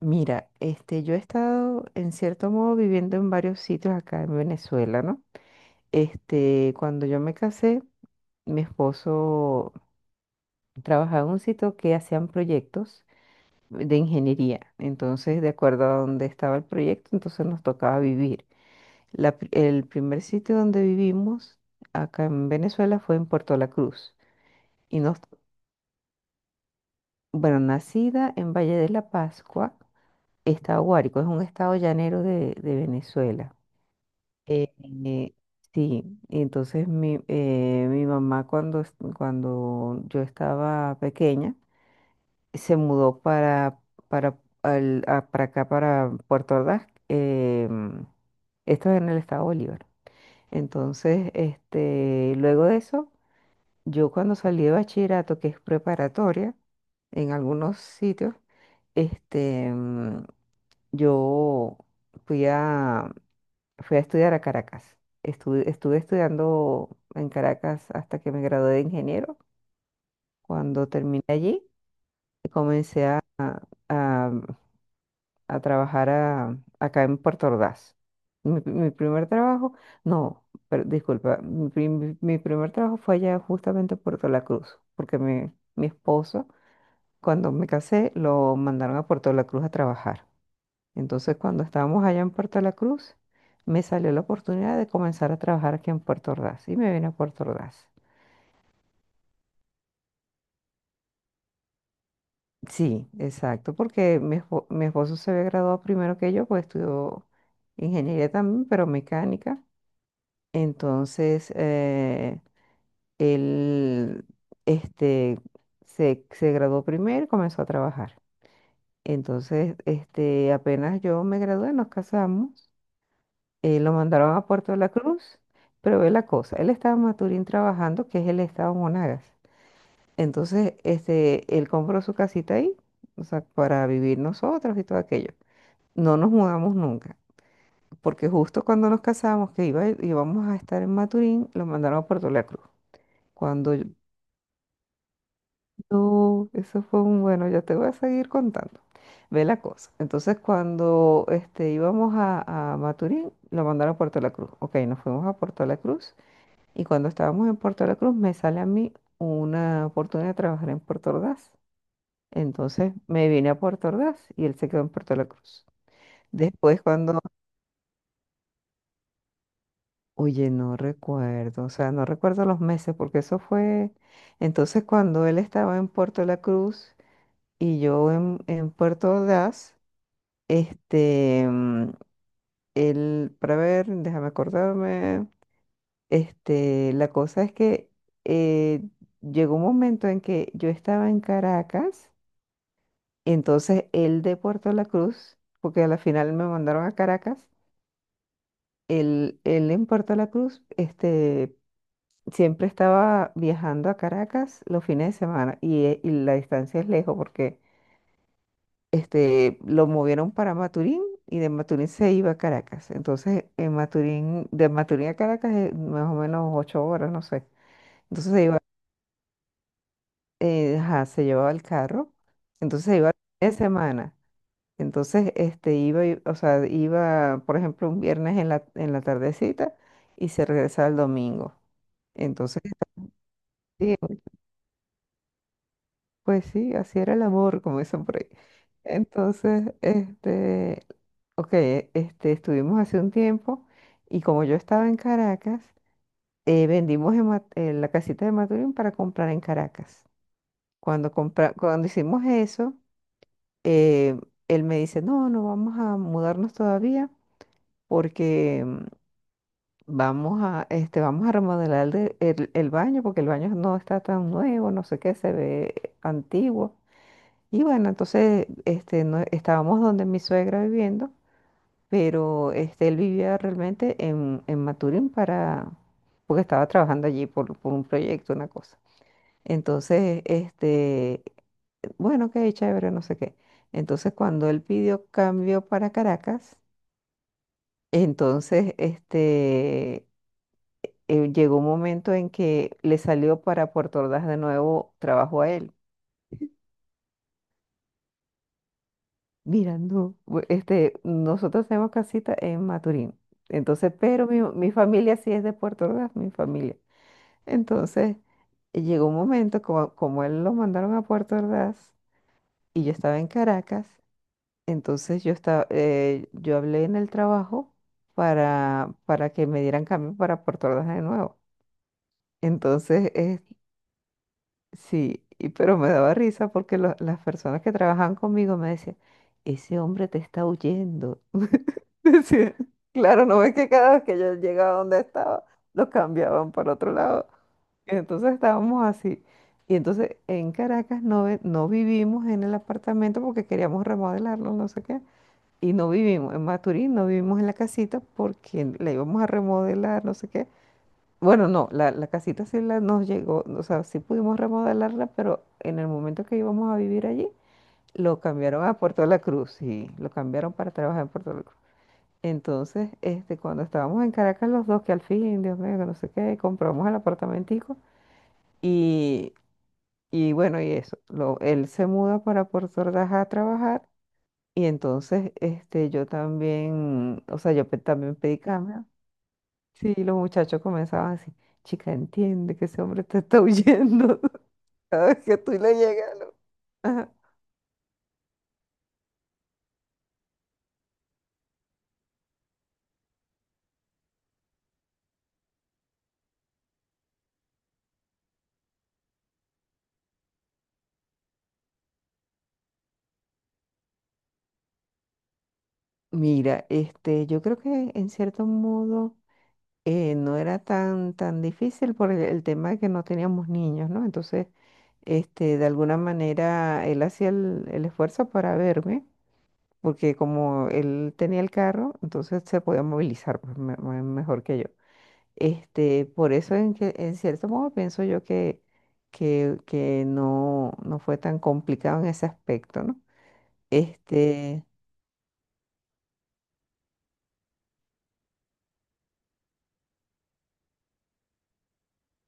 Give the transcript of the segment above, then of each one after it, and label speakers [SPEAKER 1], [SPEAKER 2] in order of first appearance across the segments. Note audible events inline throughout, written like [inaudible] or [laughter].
[SPEAKER 1] Mira, yo he estado en cierto modo viviendo en varios sitios acá en Venezuela, ¿no? Cuando yo me casé, mi esposo trabajaba en un sitio que hacían proyectos de ingeniería. Entonces, de acuerdo a dónde estaba el proyecto, entonces nos tocaba vivir. El primer sitio donde vivimos acá en Venezuela fue en Puerto La Cruz. Y nos, bueno, nacida en Valle de la Pascua, estado Guárico, es un estado llanero de Venezuela. Eh, eh, sí, y entonces mi mamá cuando yo estaba pequeña se mudó para acá, para Puerto Ordaz. Esto es en el estado Bolívar. Entonces, luego de eso, yo cuando salí de bachillerato, que es preparatoria, en algunos sitios, este, mm, yo fui a, Fui a estudiar a Caracas. Estuve estudiando en Caracas hasta que me gradué de ingeniero. Cuando terminé allí, comencé a- a trabajar acá en Puerto Ordaz. Mi primer trabajo, no, pero, disculpa, mi primer trabajo fue allá justamente en Puerto La Cruz, porque mi esposo, cuando me casé, lo mandaron a Puerto La Cruz a trabajar. Entonces, cuando estábamos allá en Puerto La Cruz, me salió la oportunidad de comenzar a trabajar aquí en Puerto Ordaz y me vine a Puerto Ordaz. Sí, exacto, porque mi esposo se había graduado primero que yo, pues estudió ingeniería también, pero mecánica. Entonces, él, este, se graduó primero y comenzó a trabajar. Entonces, apenas yo me gradué, nos casamos. Lo mandaron a Puerto de la Cruz, pero ve la cosa, él estaba en Maturín trabajando, que es el estado Monagas. Entonces, él compró su casita ahí, o sea, para vivir nosotros y todo aquello. No nos mudamos nunca, porque justo cuando nos casamos, íbamos a estar en Maturín, lo mandaron a Puerto de la Cruz. Cuando yo, no, eso fue un bueno, ya te voy a seguir contando. Ve la cosa. Entonces, cuando íbamos a Maturín, lo mandaron a Puerto de la Cruz. Ok, nos fuimos a Puerto de la Cruz. Y cuando estábamos en Puerto La Cruz, me sale a mí una oportunidad de trabajar en Puerto Ordaz. Entonces me vine a Puerto Ordaz y él se quedó en Puerto La Cruz. Después cuando, oye, no recuerdo, o sea, no recuerdo los meses porque eso fue, entonces cuando él estaba en Puerto La Cruz y yo en Puerto Ordaz, este, mm, él, para ver, déjame acordarme. La cosa es que eh, llegó un momento en que yo estaba en Caracas, entonces él de Puerto La Cruz, porque a la final me mandaron a Caracas, él en Puerto La Cruz, siempre estaba viajando a Caracas los fines de semana y la distancia es lejos porque lo movieron para Maturín y de Maturín se iba a Caracas. Entonces, en Maturín, de Maturín a Caracas es más o menos 8 horas, no sé. Entonces iba, ajá, se llevaba el carro, entonces se iba de semana. Entonces, iba, o sea, iba, por ejemplo, un viernes en en la tardecita y se regresaba el domingo. Entonces, sí, pues sí, así era el amor, como dicen por ahí. Entonces, ok, estuvimos hace un tiempo y como yo estaba en Caracas, vendimos la casita de Maturín para comprar en Caracas. Cuando hicimos eso, eh, él me dice, no, no vamos a mudarnos todavía porque vamos a, vamos a remodelar el baño porque el baño no está tan nuevo, no sé qué, se ve antiguo. Y bueno, entonces estábamos donde mi suegra viviendo, pero él vivía realmente en Maturín porque estaba trabajando allí por un proyecto, una cosa. Entonces, bueno, ok, chévere, no sé qué. Entonces, cuando él pidió cambio para Caracas, entonces, llegó un momento en que le salió para Puerto Ordaz de nuevo trabajo a él. Mira, no, nosotros tenemos casita en Maturín. Entonces, pero mi familia sí es de Puerto Ordaz, mi familia. Entonces, llegó un momento, como él lo mandaron a Puerto Ordaz y yo estaba en Caracas. Entonces yo hablé en el trabajo para que me dieran cambio para Puerto Ordaz de nuevo. Entonces, sí, pero me daba risa porque las personas que trabajaban conmigo me decían, ese hombre te está huyendo. [laughs] Decía, claro, no ves que cada vez que yo llegaba donde estaba, lo cambiaban para otro lado. Entonces estábamos así. Y entonces en Caracas, no, no vivimos en el apartamento porque queríamos remodelarlo, no sé qué. Y no vivimos en Maturín, no vivimos en la casita porque la íbamos a remodelar, no sé qué. Bueno, no, la casita sí nos llegó, o sea, sí pudimos remodelarla, pero en el momento que íbamos a vivir allí, lo cambiaron a Puerto de la Cruz, y lo cambiaron para trabajar en Puerto de la Cruz. Entonces, cuando estábamos en Caracas los dos, que al fin, Dios mío, que no sé qué, compramos el apartamentico y, y bueno, él se muda para Puerto Ordaz a trabajar y entonces, yo también, o sea, también pedí cambio. Sí, los muchachos comenzaban así, chica, entiende que ese hombre te está huyendo [laughs] cada vez que tú le llegas, ¿no? Ajá. Mira, yo creo que en cierto modo no era tan difícil por el tema de que no teníamos niños, ¿no? Entonces, de alguna manera él hacía el esfuerzo para verme, porque como él tenía el carro, entonces se podía movilizar pues, mejor que yo. Por eso en cierto modo pienso yo que, que no, no fue tan complicado en ese aspecto, ¿no? Este,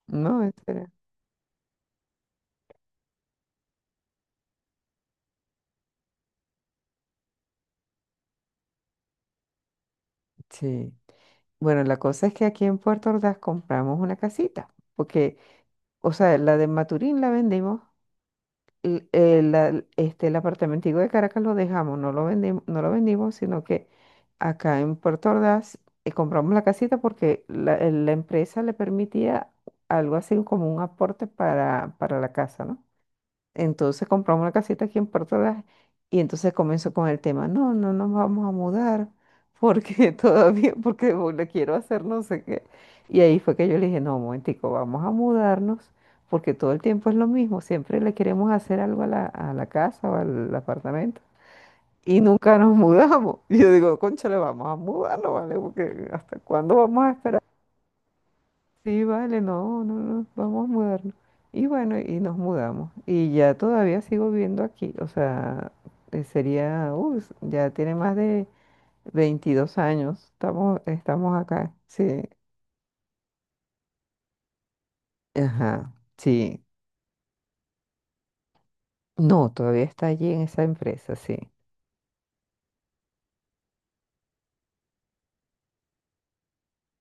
[SPEAKER 1] no, en serio. Sí. Bueno, la cosa es que aquí en Puerto Ordaz compramos una casita, porque, o sea, la de Maturín la vendimos. El apartamentico de Caracas lo dejamos, no lo vendimos, no lo vendimos, sino que acá en Puerto Ordaz compramos la casita porque la empresa le permitía algo así como un aporte para la casa, ¿no? Entonces compramos una casita aquí en Puerto Ordaz y entonces comenzó con el tema, no, no nos vamos a mudar porque [laughs] todavía, porque le quiero hacer no sé qué. Y ahí fue que yo le dije, no, un momentico, vamos a mudarnos porque todo el tiempo es lo mismo, siempre le queremos hacer algo a a la casa o al apartamento y nunca nos mudamos. [laughs] Y yo digo, le vamos a mudarnos, ¿vale? Porque ¿hasta cuándo vamos a esperar? Sí, vale, no, no, no, vamos a mudarnos. Y bueno, y nos mudamos. Y ya todavía sigo viviendo aquí. O sea, ya tiene más de 22 años. Estamos acá. Sí, ajá, sí. No, todavía está allí en esa empresa, sí.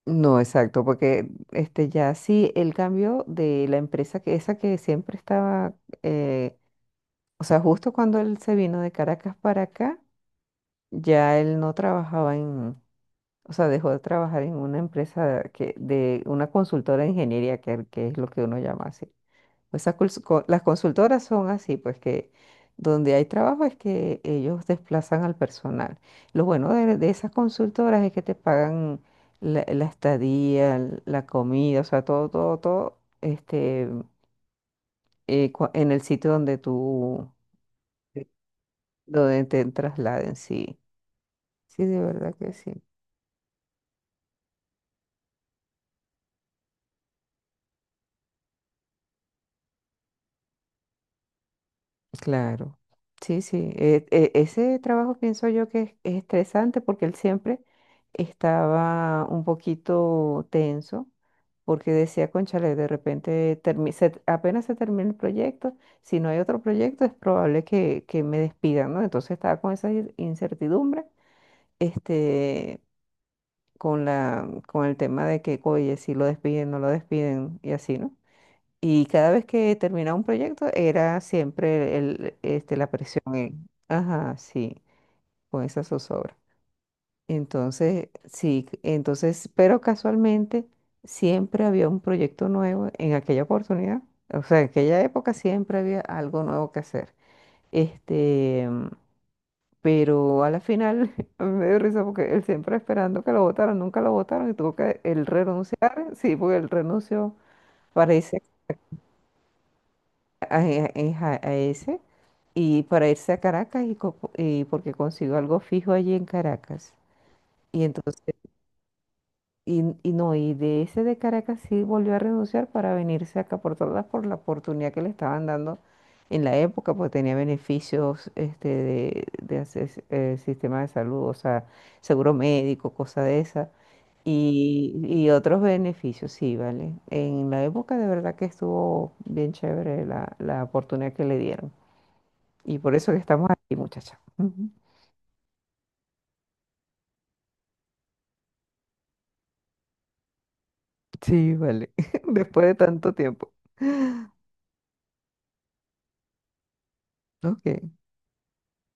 [SPEAKER 1] No, exacto, porque este ya sí, el cambio de la empresa, que esa que siempre estaba, eh, o sea, justo cuando él se vino de Caracas para acá, ya él no trabajaba en. O sea, dejó de trabajar en una empresa que, de una consultora de ingeniería, que es lo que uno llama así. Pues esas las consultoras son así, pues que donde hay trabajo es que ellos desplazan al personal. Lo bueno de esas consultoras es que te pagan la estadía, la comida, o sea, todo, todo, todo, en el sitio donde tú, donde te trasladen, sí. Sí, de verdad que sí. Claro, sí, sí. Ese trabajo pienso yo que es estresante porque él siempre estaba un poquito tenso porque decía, cónchale, de repente apenas se termine el proyecto, si no hay otro proyecto es probable que me despidan, ¿no? Entonces estaba con esa incertidumbre, este, con con el tema de que, oye, si lo despiden, no lo despiden y así, ¿no? Y cada vez que terminaba un proyecto era siempre la presión ajá, sí, con esa zozobra. Entonces, sí, entonces, pero casualmente siempre había un proyecto nuevo en aquella oportunidad. O sea, en aquella época siempre había algo nuevo que hacer. Este, pero a la final, [laughs] a mí me dio risa porque él siempre esperando que lo votaran, nunca lo votaron y tuvo que él renunciar, sí, porque él renunció, parece, a ese, y para irse a Caracas y, y porque consiguió algo fijo allí en Caracas. Y entonces, no, y de ese de Caracas sí volvió a renunciar para venirse acá por la oportunidad que le estaban dando en la época, porque tenía beneficios, de hacer, sistema de salud, o sea, seguro médico, cosa de esa. Y otros beneficios, sí, vale. En la época de verdad que estuvo bien chévere la oportunidad que le dieron. Y por eso que estamos aquí, muchacha. Ujú. Sí, vale. [laughs] Después de tanto tiempo. Ok.